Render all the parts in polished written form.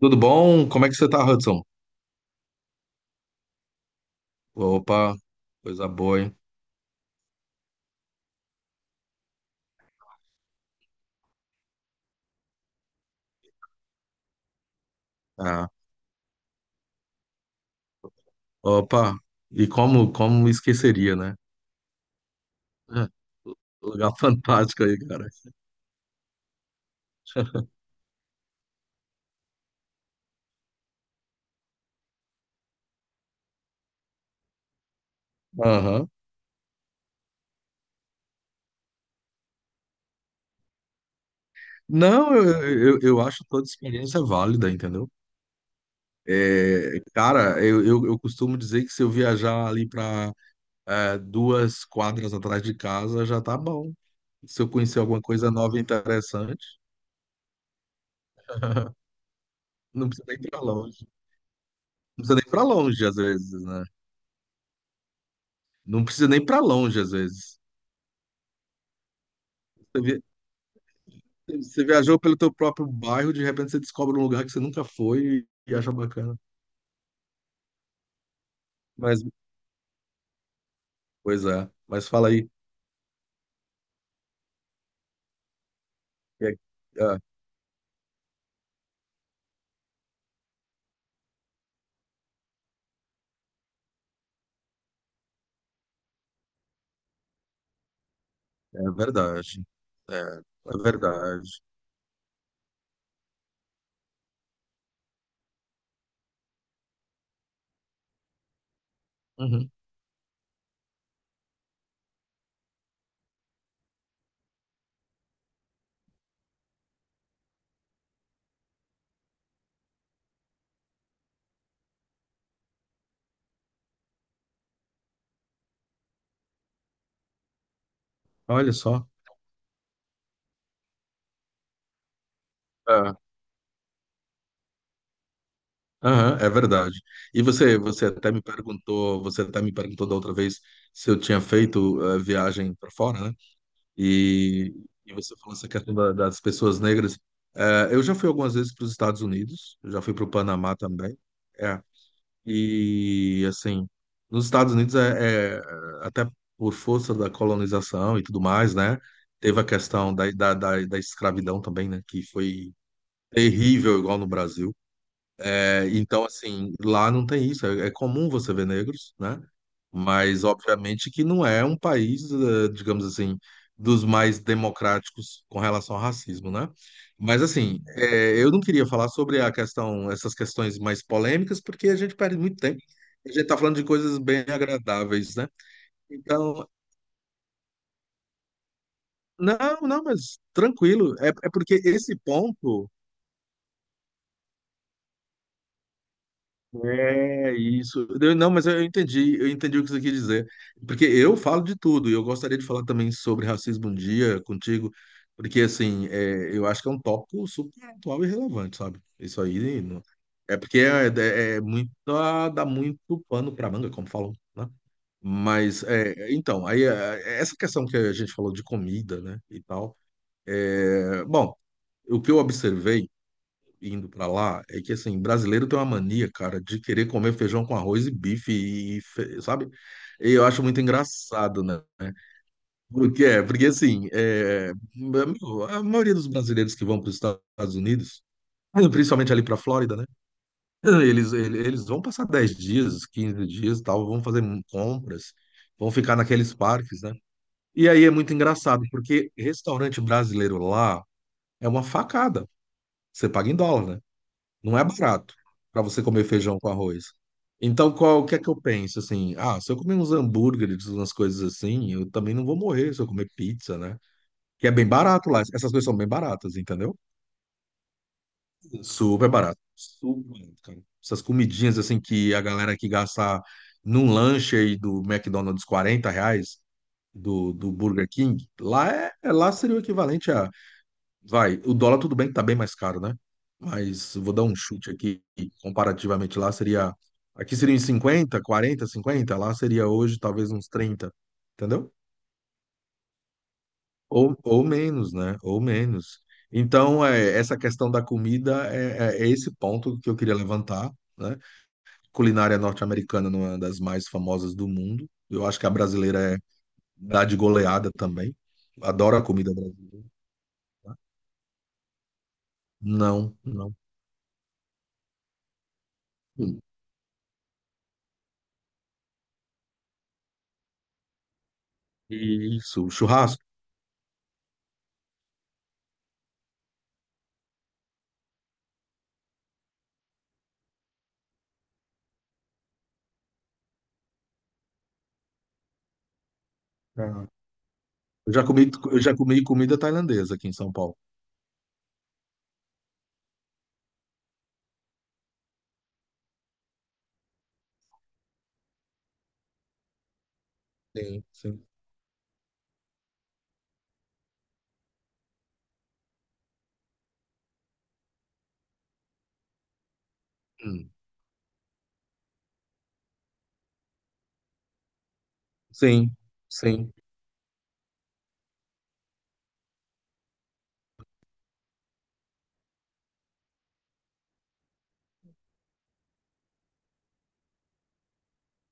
Tudo bom? Como é que você tá, Hudson? Opa, coisa boa, hein? Ah, opa, e como esqueceria, né? Ah, lugar fantástico aí, cara. Aham. Não, eu acho toda experiência válida, entendeu? É, cara, eu costumo dizer que se eu viajar ali para duas quadras atrás de casa, já tá bom. Se eu conhecer alguma coisa nova e interessante, não precisa nem ir pra longe. Não precisa nem ir pra longe, às vezes, né? Não precisa nem ir pra longe, às vezes. Você vi- Você viajou pelo teu próprio bairro, de repente você descobre um lugar que você nunca foi e acha bacana. Mas, pois é, mas fala aí. É, é, é verdade. É, é verdade. Uhum. Olha só. É, aham, é verdade. E você até me perguntou da outra vez se eu tinha feito viagem para fora, né? E, você falou essa questão das pessoas negras. Eu já fui algumas vezes para os Estados Unidos, eu já fui para o Panamá também. É, e assim, nos Estados Unidos até por força da colonização e tudo mais, né? Teve a questão da escravidão também, né? Que foi terrível, igual no Brasil. Então, assim, lá não tem isso. É, é comum você ver negros, né? Mas, obviamente, que não é um país, digamos assim, dos mais democráticos com relação ao racismo, né? Mas, assim, eu não queria falar sobre a questão, essas questões mais polêmicas, porque a gente perde muito tempo. A gente está falando de coisas bem agradáveis, né? Então, não, não, mas tranquilo. É, é porque esse ponto. É isso. Não, mas eu entendi, o que você quis dizer. Porque eu falo de tudo, e eu gostaria de falar também sobre racismo um dia contigo, porque assim, eu acho que é um tópico super atual e relevante, sabe? Isso aí não- É porque é muito, dá muito pano pra manga, como falam, né? Mas é, então, aí essa questão que a gente falou de comida, né? E tal. Bom, o que eu observei indo pra lá é que, assim, brasileiro tem uma mania, cara, de querer comer feijão com arroz e bife, sabe? E eu acho muito engraçado, né? Porque, porque assim, meu, a maioria dos brasileiros que vão para os Estados Unidos, principalmente ali para a Flórida, né? Eles vão passar 10 dias, 15 dias e tal, vão fazer compras, vão ficar naqueles parques, né? E aí é muito engraçado, porque restaurante brasileiro lá é uma facada. Você paga em dólar, né? Não é barato para você comer feijão com arroz. Então, qual, o que é que eu penso? Assim, ah, se eu comer uns hambúrgueres, umas coisas assim, eu também não vou morrer se eu comer pizza, né? Que é bem barato lá. Essas coisas são bem baratas, entendeu? Super barato. Super barato, cara. Essas comidinhas, assim, que a galera que gasta num lanche aí do McDonald's R$ 40, do Burger King, lá, lá seria o equivalente a vai, o dólar tudo bem que tá bem mais caro, né? Mas eu vou dar um chute aqui, comparativamente lá seria, aqui seria uns 50, 40, 50, lá seria hoje talvez uns 30, entendeu? Ou menos, né? Ou menos. Então, essa questão da comida é esse ponto que eu queria levantar, né? Culinária norte-americana não é uma das mais famosas do mundo. Eu acho que a brasileira é, dá de goleada também. Adoro a comida brasileira. Não, não. Isso, churrasco. Eu já comi comida tailandesa aqui em São Paulo. Sim, sim. Hum. Sim, sim.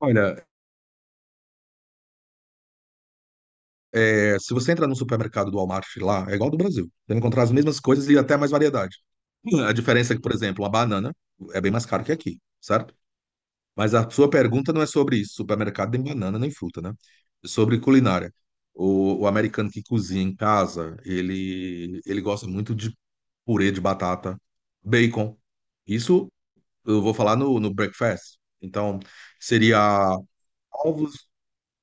Olha, é, se você entrar no supermercado do Walmart lá, é igual ao do Brasil. Você vai encontrar as mesmas coisas e até mais variedade. A diferença é que, por exemplo, a banana é bem mais caro que aqui, certo? Mas a sua pergunta não é sobre isso. Supermercado nem banana nem fruta, né? É sobre culinária. O americano que cozinha em casa, ele gosta muito de purê de batata, bacon. Isso eu vou falar no breakfast. Então, seria ovos,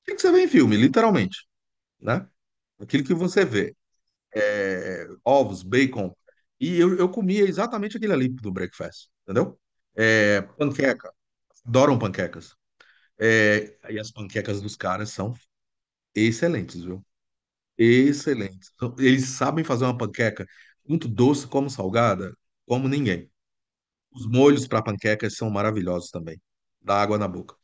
o que você vê em filme, literalmente, né? Aquilo que você vê, é, ovos, bacon. E eu comia exatamente aquele ali do breakfast, entendeu? É, panqueca, adoram panquecas. E as panquecas dos caras são excelentes, viu? Excelentes. Então, eles sabem fazer uma panqueca muito doce como salgada, como ninguém. Os molhos para panquecas são maravilhosos também. Dá água na boca.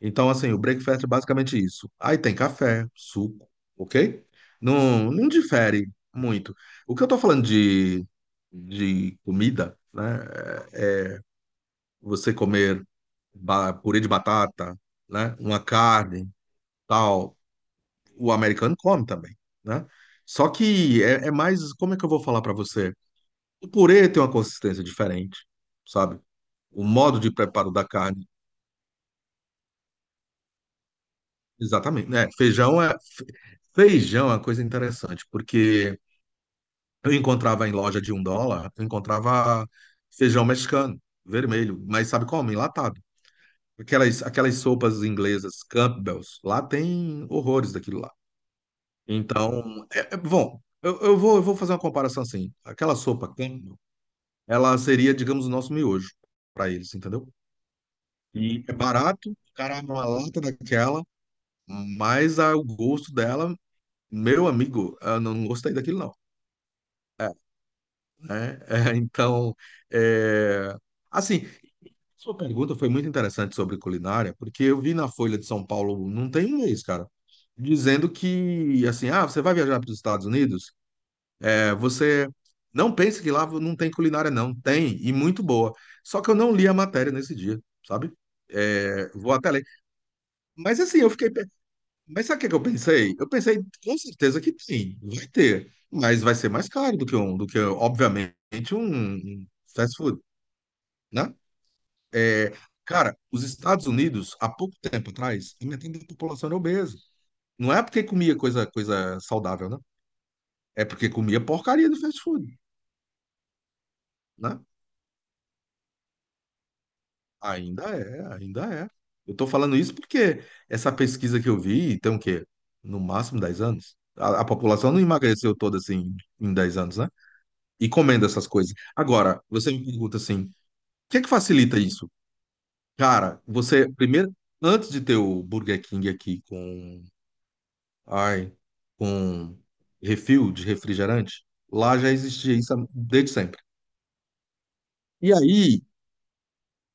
Então, assim, o breakfast é basicamente isso. Aí tem café, suco, ok? Não, não difere muito. O que eu tô falando de comida, né? Você comer purê de batata, né? Uma carne, tal. O americano come também, né? Só que é mais, como é que eu vou falar para você? O purê tem uma consistência diferente, sabe? O modo de preparo da carne. Exatamente, né? Feijão é fe- feijão é uma coisa interessante, porque eu encontrava em loja de US$ 1, eu encontrava feijão mexicano, vermelho, mas sabe como? Enlatado. Aquelas, aquelas sopas inglesas, Campbell's, lá tem horrores daquilo lá. Então, bom, eu vou fazer uma comparação assim. Aquela sopa Campbell, ela seria, digamos, o nosso miojo para eles, entendeu? E é barato, o cara, abre uma lata daquela, mas ah, o gosto dela. Meu amigo, eu não gostei daquilo, não. Né? É, então, é, assim, sua pergunta foi muito interessante sobre culinária, porque eu vi na Folha de São Paulo, não tem um mês, cara, dizendo que, assim, ah, você vai viajar para os Estados Unidos? É, você não pense que lá não tem culinária, não. Tem, e muito boa. Só que eu não li a matéria nesse dia, sabe? É, vou até ler. Mas, assim, eu fiquei. Mas sabe o que é que eu pensei? Eu pensei, com certeza que tem, vai ter, mas vai ser mais caro do que, obviamente, um fast food, né? É, cara, os Estados Unidos, há pouco tempo atrás, a metade da população era obesa. Não é porque comia coisa, coisa saudável, né? É porque comia porcaria do fast food, né? Ainda é, ainda é. Eu tô falando isso porque essa pesquisa que eu vi, tem o quê? No máximo 10 anos. A população não emagreceu toda assim em 10 anos, né? E comendo essas coisas. Agora, você me pergunta assim, o que é que facilita isso? Cara, você primeiro, antes de ter o Burger King aqui ai, com refil de refrigerante, lá já existia isso desde sempre. E aí,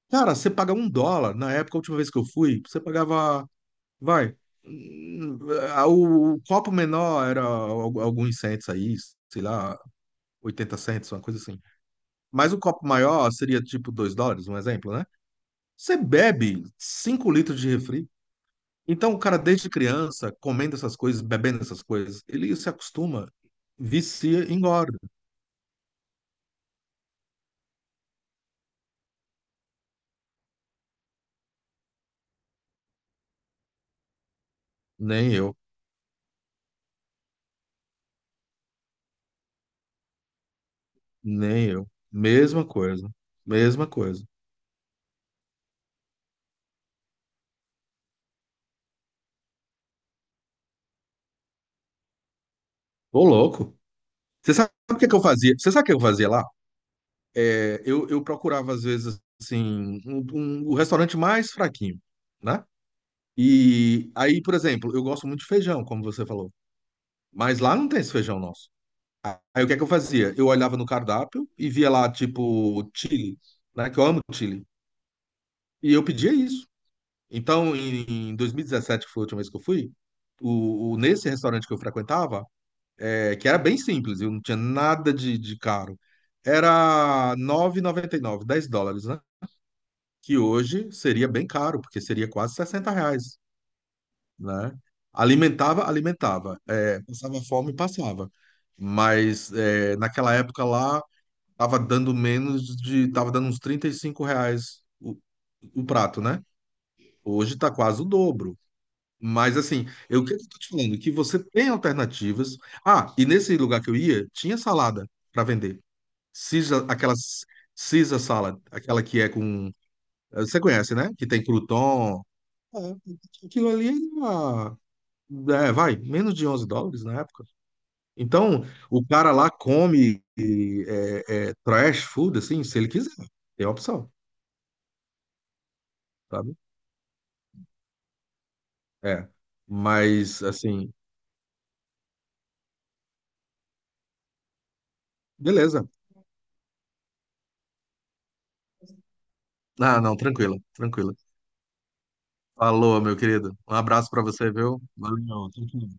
cara, você paga US$ 1. Na época, a última vez que eu fui, você pagava, vai, hum, o copo menor era alguns centos aí, sei lá, 80 centos, uma coisa assim. Mas o copo maior seria tipo US$ 2, um exemplo, né? Você bebe 5 litros de refri. Então, o cara, desde criança, comendo essas coisas, bebendo essas coisas, ele se acostuma, vicia e engorda. Nem eu, nem eu. Mesma coisa, mesma coisa. Ô, louco. Você sabe o que é que eu fazia? Você sabe o que eu fazia lá? É, eu procurava, às vezes, assim, o restaurante mais fraquinho, né? E aí, por exemplo, eu gosto muito de feijão, como você falou. Mas lá não tem esse feijão nosso. Aí o que é que eu fazia? Eu olhava no cardápio e via lá, tipo, Chile, né? Que eu amo Chile. E eu pedia isso. Então, em 2017, que foi a última vez que eu fui, nesse restaurante que eu frequentava, é, que era bem simples, eu não tinha nada de caro, era 9,99 US$ 10, né? Que hoje seria bem caro, porque seria quase R$ 60, né? Alimentava, alimentava. É, passava fome, passava. Mas naquela época lá, tava dando menos de. Tava dando uns R$ 35 o prato, né? Hoje tá quase o dobro. Mas assim, eu o que eu tô te falando? Que você tem alternativas. Ah, e nesse lugar que eu ia, tinha salada para vender. Caesar, aquela Caesar salad, aquela que é com. Você conhece, né? Que tem crouton. É, aquilo ali era. Vai, menos de US$ 11 na época. Então, o cara lá come trash food, assim, se ele quiser. Tem a opção. Sabe? É. Mas, assim, beleza. Ah, não, tranquilo, tranquilo. Falou, meu querido. Um abraço pra você, viu? Valeu, tranquilo.